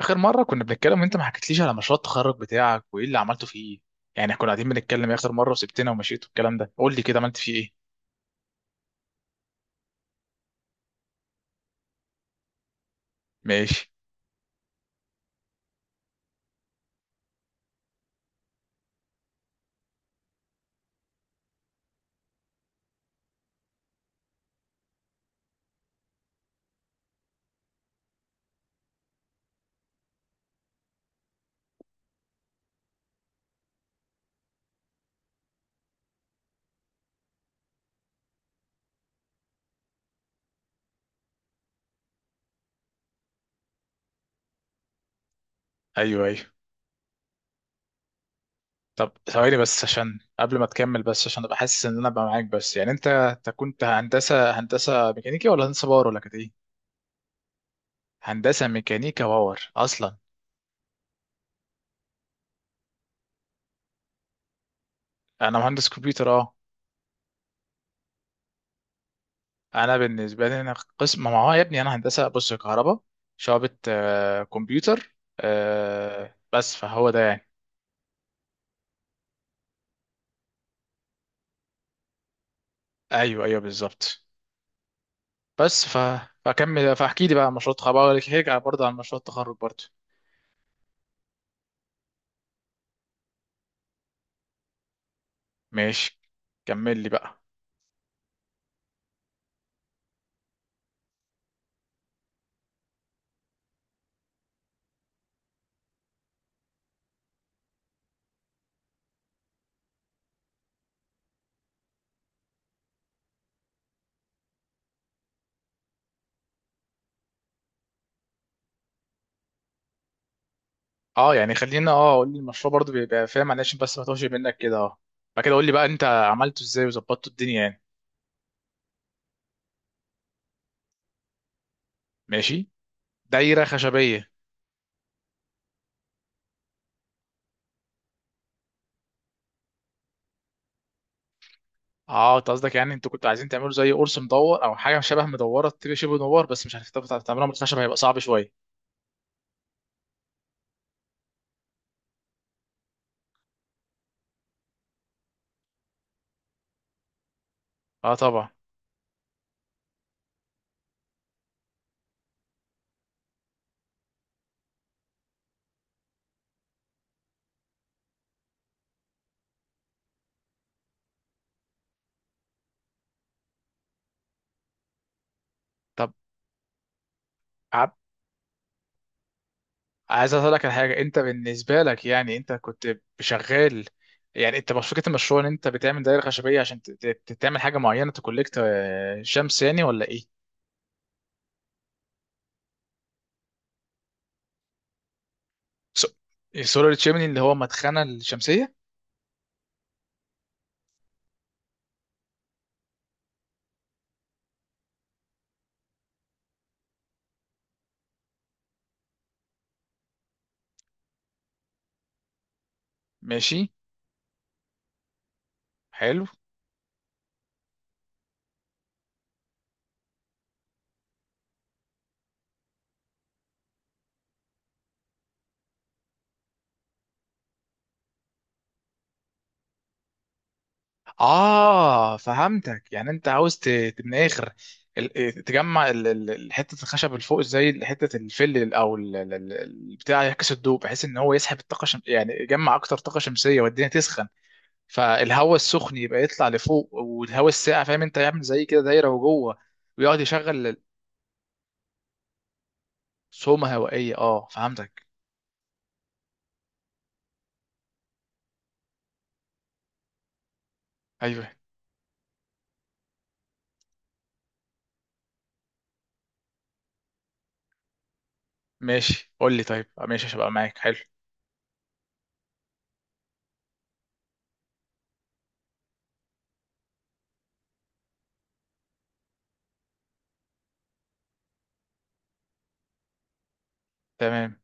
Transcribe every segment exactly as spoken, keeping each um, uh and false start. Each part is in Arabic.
آخر مرة كنا بنتكلم وأنت ما حكيتليش على مشروع التخرج بتاعك وإيه اللي عملته فيه. يعني إحنا كنا قاعدين بنتكلم إيه آخر مرة وسبتنا ومشيت والكلام ده، قول لي كده عملت فيه إيه. ماشي. أيوه أيوه. طب ثواني بس عشان قبل ما تكمل، بس عشان أبقى حاسس إن أنا بقى معاك، بس يعني أنت أنت كنت هندسة هندسة ميكانيكا ولا هندسة باور ولا كانت إيه؟ هندسة ميكانيكا باور أصلا. أنا مهندس كمبيوتر أه. أنا بالنسبة لي أنا قسم، ما هو يا ابني أنا هندسة بص كهرباء، شعبة آه، كمبيوتر، آه، بس فهو ده يعني. ايوه ايوه بالظبط. بس ف... فكمل فاحكي لي بقى عن مشروع التخرج، بقى هرجع برضه عن مشروع التخرج برضه. ماشي كمل لي بقى. اه يعني خلينا، اه قول لي المشروع برضه، بيبقى فاهم، معلش بس ما توهش منك كده اه. بعد كده قول لي بقى انت عملته ازاي وظبطته الدنيا يعني. ماشي. دايره خشبيه. اه انت قصدك يعني انتوا كنتوا عايزين تعملوا زي قرص مدور او حاجه شبه مدوره، تبقى شبه مدور بس مش هتعرفوا تعملوها من الخشب، هيبقى صعب شويه. اه طبعا. طب عايز اقول لك على حاجه، انت بالنسبه لك يعني انت كنت شغال، يعني انت، مش فكره المشروع ان انت بتعمل دايره خشبيه عشان ت- ت- تعمل حاجه معينه تكولكت آه، شمس يعني ولا ايه؟ سولار تشيمني اللي هو مدخنه الشمسيه. ماشي. حلو. اه فهمتك، يعني انت عاوز ت- ت- من الاخر ال- إيه، تجمع ال- ال- ال- حته الخشب اللي فوق زي حته الفل او ال- ال- ال- البتاع، يعكس الضوء بحيث ان هو يسحب الطاقه الشم... يعني يجمع اكتر طاقه شمسيه والدنيا تسخن، فالهواء السخن يبقى يطلع لفوق والهواء الساقع، فاهم انت، يعمل زي كده دايره وجوه، ويقعد يشغل. سومه هوائيه، اه فهمتك. ايوه. ماشي قول لي طيب، آه، ماشي هبقى معاك. حلو. تمام.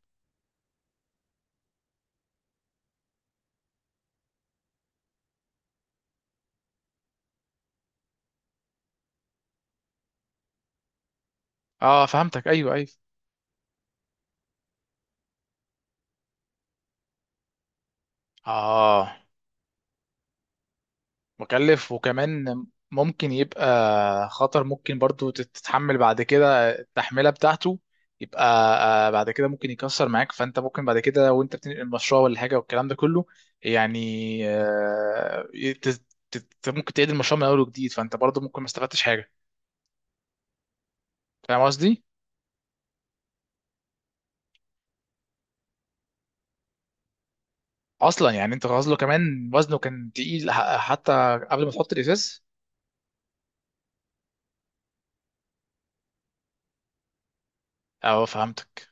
اه فهمتك ايوه ايوه. اه. مكلف وكمان ممكن يبقى خطر، ممكن برضو تتحمل بعد كده التحملة بتاعته، يبقى آه، بعد كده ممكن يكسر معاك، فانت ممكن بعد كده وانت بتنقل المشروع ولا حاجة والكلام ده كله يعني، آه، ت- ت- ت- ممكن تعيد المشروع من اول وجديد فانت برضو ممكن ما استفدتش حاجة. فاهم قصدي؟ اصلا يعني انت غازله كمان وزنه كان تقيل ح- حتى قبل ما تحط الازاز. اه فهمتك.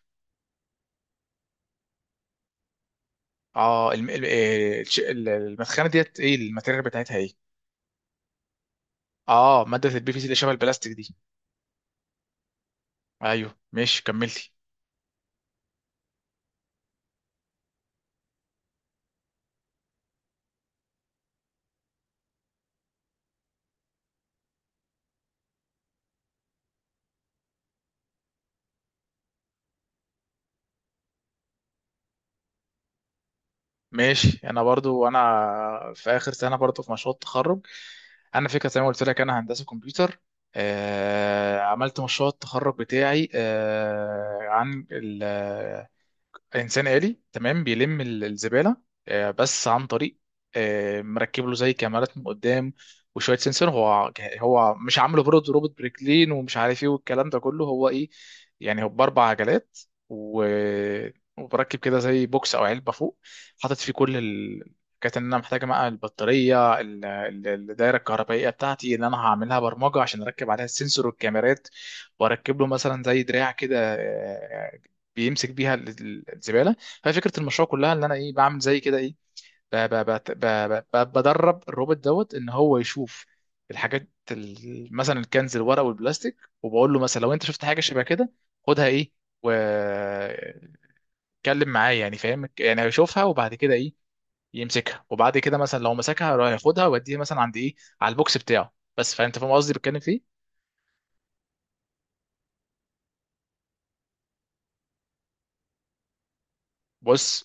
اه الم- ال- آه، الش- ال- المدخنة ديت ايه الماتيريال بتاعتها ايه؟ اه ماده البي في سي اللي شبه البلاستيك دي. ايوه ماشي كملتي. ماشي انا برضو انا في اخر سنه برضو في مشروع التخرج، انا فكره زي ما قلت لك انا هندسه كمبيوتر. آه عملت مشروع التخرج بتاعي آه عن انسان آلي، تمام، بيلم ال- الزبالة، آه، بس عن طريق، آه، مركب له زي كاميرات من قدام وشوية سنسور، هو هو مش عامله برضه روبوت بريكلين ومش عارف ايه والكلام ده كله، هو ايه يعني، هو بأربع عجلات، و... وبركب كده زي بوكس او علبة فوق، حاطط فيه كل ال... كانت ان انا محتاجه بقى البطاريه ال- ال- الدايره الكهربائيه بتاعتي، اللي انا هعملها برمجه عشان اركب عليها السنسور والكاميرات، واركب له مثلا زي دراع كده آه، بيمسك بيها ال- ال- الزباله. فهي فكره المشروع كلها ان انا ايه، بعمل زي كده ايه، ب- ب- بت- ب- ب- ب- بدرب الروبوت دوت ان هو يشوف الحاجات ال- مثلا الكنز الورق والبلاستيك، وبقول له مثلا لو انت شفت حاجه شبه كده خدها ايه، واتكلم معايا، يعني فاهم، يعني هيشوفها وبعد كده ايه، يمسكها وبعد كده مثلا لو مسكها يروح ياخدها ويوديها مثلا عند ايه، على البوكس بتاعه بس، فانت فاهم قصدي بتكلم فيه. بص.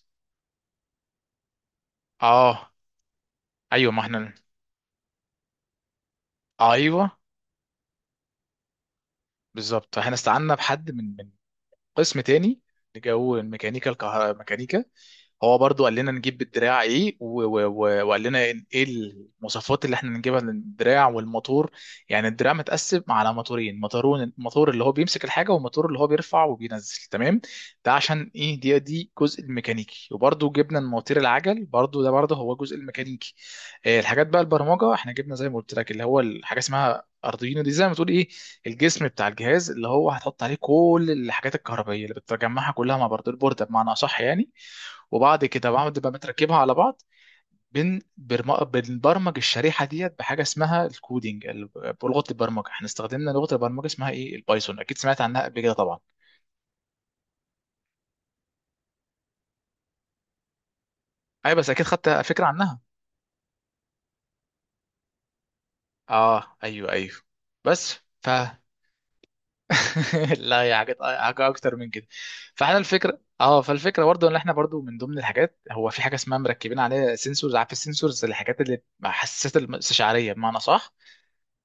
اه. ايوه ما احنا. ايوه بالظبط، احنا استعنا بحد من من قسم تاني جو الميكانيكا، الكه... ميكانيكا، هو برضو قال لنا نجيب الدراع ايه و... و... و... وقال لنا ايه المواصفات اللي احنا نجيبها للدراع والموتور. يعني الدراع متقسم على موتورين، موتورون، موتور اللي هو بيمسك الحاجه والموتور اللي هو بيرفع وبينزل، تمام، ده عشان ايه، دي دي جزء الميكانيكي، وبرضو جبنا المواتير، العجل برضو ده برضو هو جزء الميكانيكي. آه، الحاجات بقى البرمجه، احنا جبنا زي ما قلت لك اللي هو الحاجه اسمها ارضينا دي، زي ما تقول ايه، الجسم بتاع الجهاز اللي هو هتحط عليه كل الحاجات الكهربائيه اللي بتجمعها كلها مع برض البورده بمعنى اصح يعني، وبعد كده بعد ما بتركبها على بعض، بن برم- بنبرمج الشريحه ديت بحاجه اسمها الكودينج ال- بلغه البرمجه، احنا استخدمنا لغه البرمجه اسمها ايه البايثون، اكيد سمعت عنها قبل كده طبعا. ايوه بس اكيد خدت فكره عنها. اه ايوه ايوه. بس لا هي حاجات حاجة اكتر من كده. فاحنا الفكره اه، فالفكره برضو ان احنا برضو من ضمن الحاجات، هو في حاجه اسمها مركبين عليها سنسورز، عارف السنسورز الحاجات اللي حساسات الاستشعاريه بمعنى صح،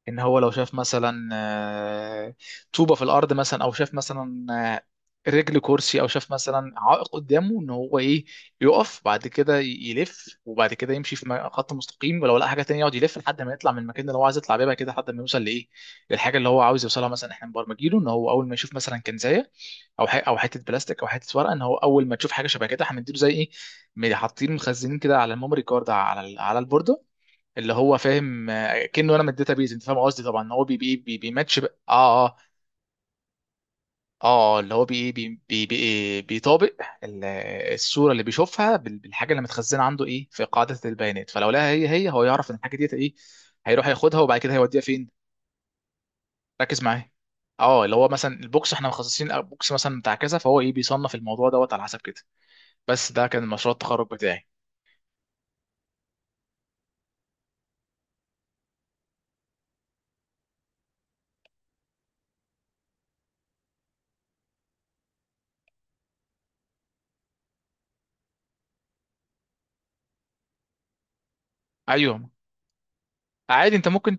ان هو لو شاف مثلا آه، طوبة في الارض مثلا، او شاف مثلا آه، رجل كرسي، او شاف مثلا عائق قدامه، ان هو ايه يقف بعد كده يلف وبعد كده يمشي في م- خط مستقيم، ولو لقى حاجه تانية يقعد يلف لحد ما يطلع من المكان اللي هو عايز يطلع بيه، بعد كده لحد ما يوصل لايه، للحاجه اللي هو عاوز يوصلها. مثلا احنا مبرمجينه ان هو اول ما يشوف مثلا كنزايه او ح- او حته بلاستيك او حته ورقه، ان هو اول ما تشوف حاجه شبه كده هنديله زي ايه، حاطين مخزنين كده على الميموري كارد على ال- على البورده، اللي هو فاهم آه، كأنه انا من الداتابيز، انت فاهم قصدي طبعا، هو بي بي بي بيماتش بقى- اه اه. اه اللي هو بي بي بي بي بيطابق ال- الصوره اللي بيشوفها بال- بالحاجه اللي متخزنه عنده ايه في قاعده البيانات، فلو لقاها هي هي هو يعرف ان الحاجه ديت ايه، هيروح ياخدها وبعد كده هيوديها فين. ركز معايا. اه اللي هو مثلا البوكس احنا مخصصين بوكس مثلا بتاع كذا، فهو ايه بيصنف الموضوع دوت على حسب كده. بس ده كان مشروع التخرج بتاعي. ايوه عادي انت ممكن،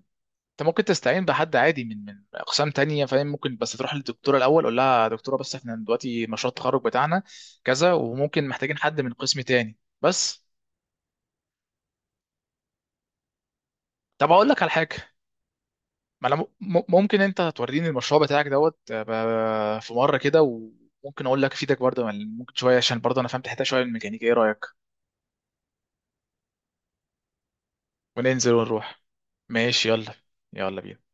انت ممكن تستعين بحد عادي من من اقسام تانية فاهم، ممكن بس تروح للدكتوره الاول قول لها يا دكتوره بس احنا دلوقتي مشروع التخرج بتاعنا كذا وممكن محتاجين حد من قسم تاني بس. طب اقول لك على حاجه، ما انا م- م- ممكن انت توريني المشروع بتاعك دوت آه، ب- في مره كده، وممكن اقول لك افيدك برضه يعني ممكن شويه، عشان برضه انا فهمت حته شويه من الميكانيكا، ايه رايك؟ وننزل ونروح. ماشي يلا. يلا بينا.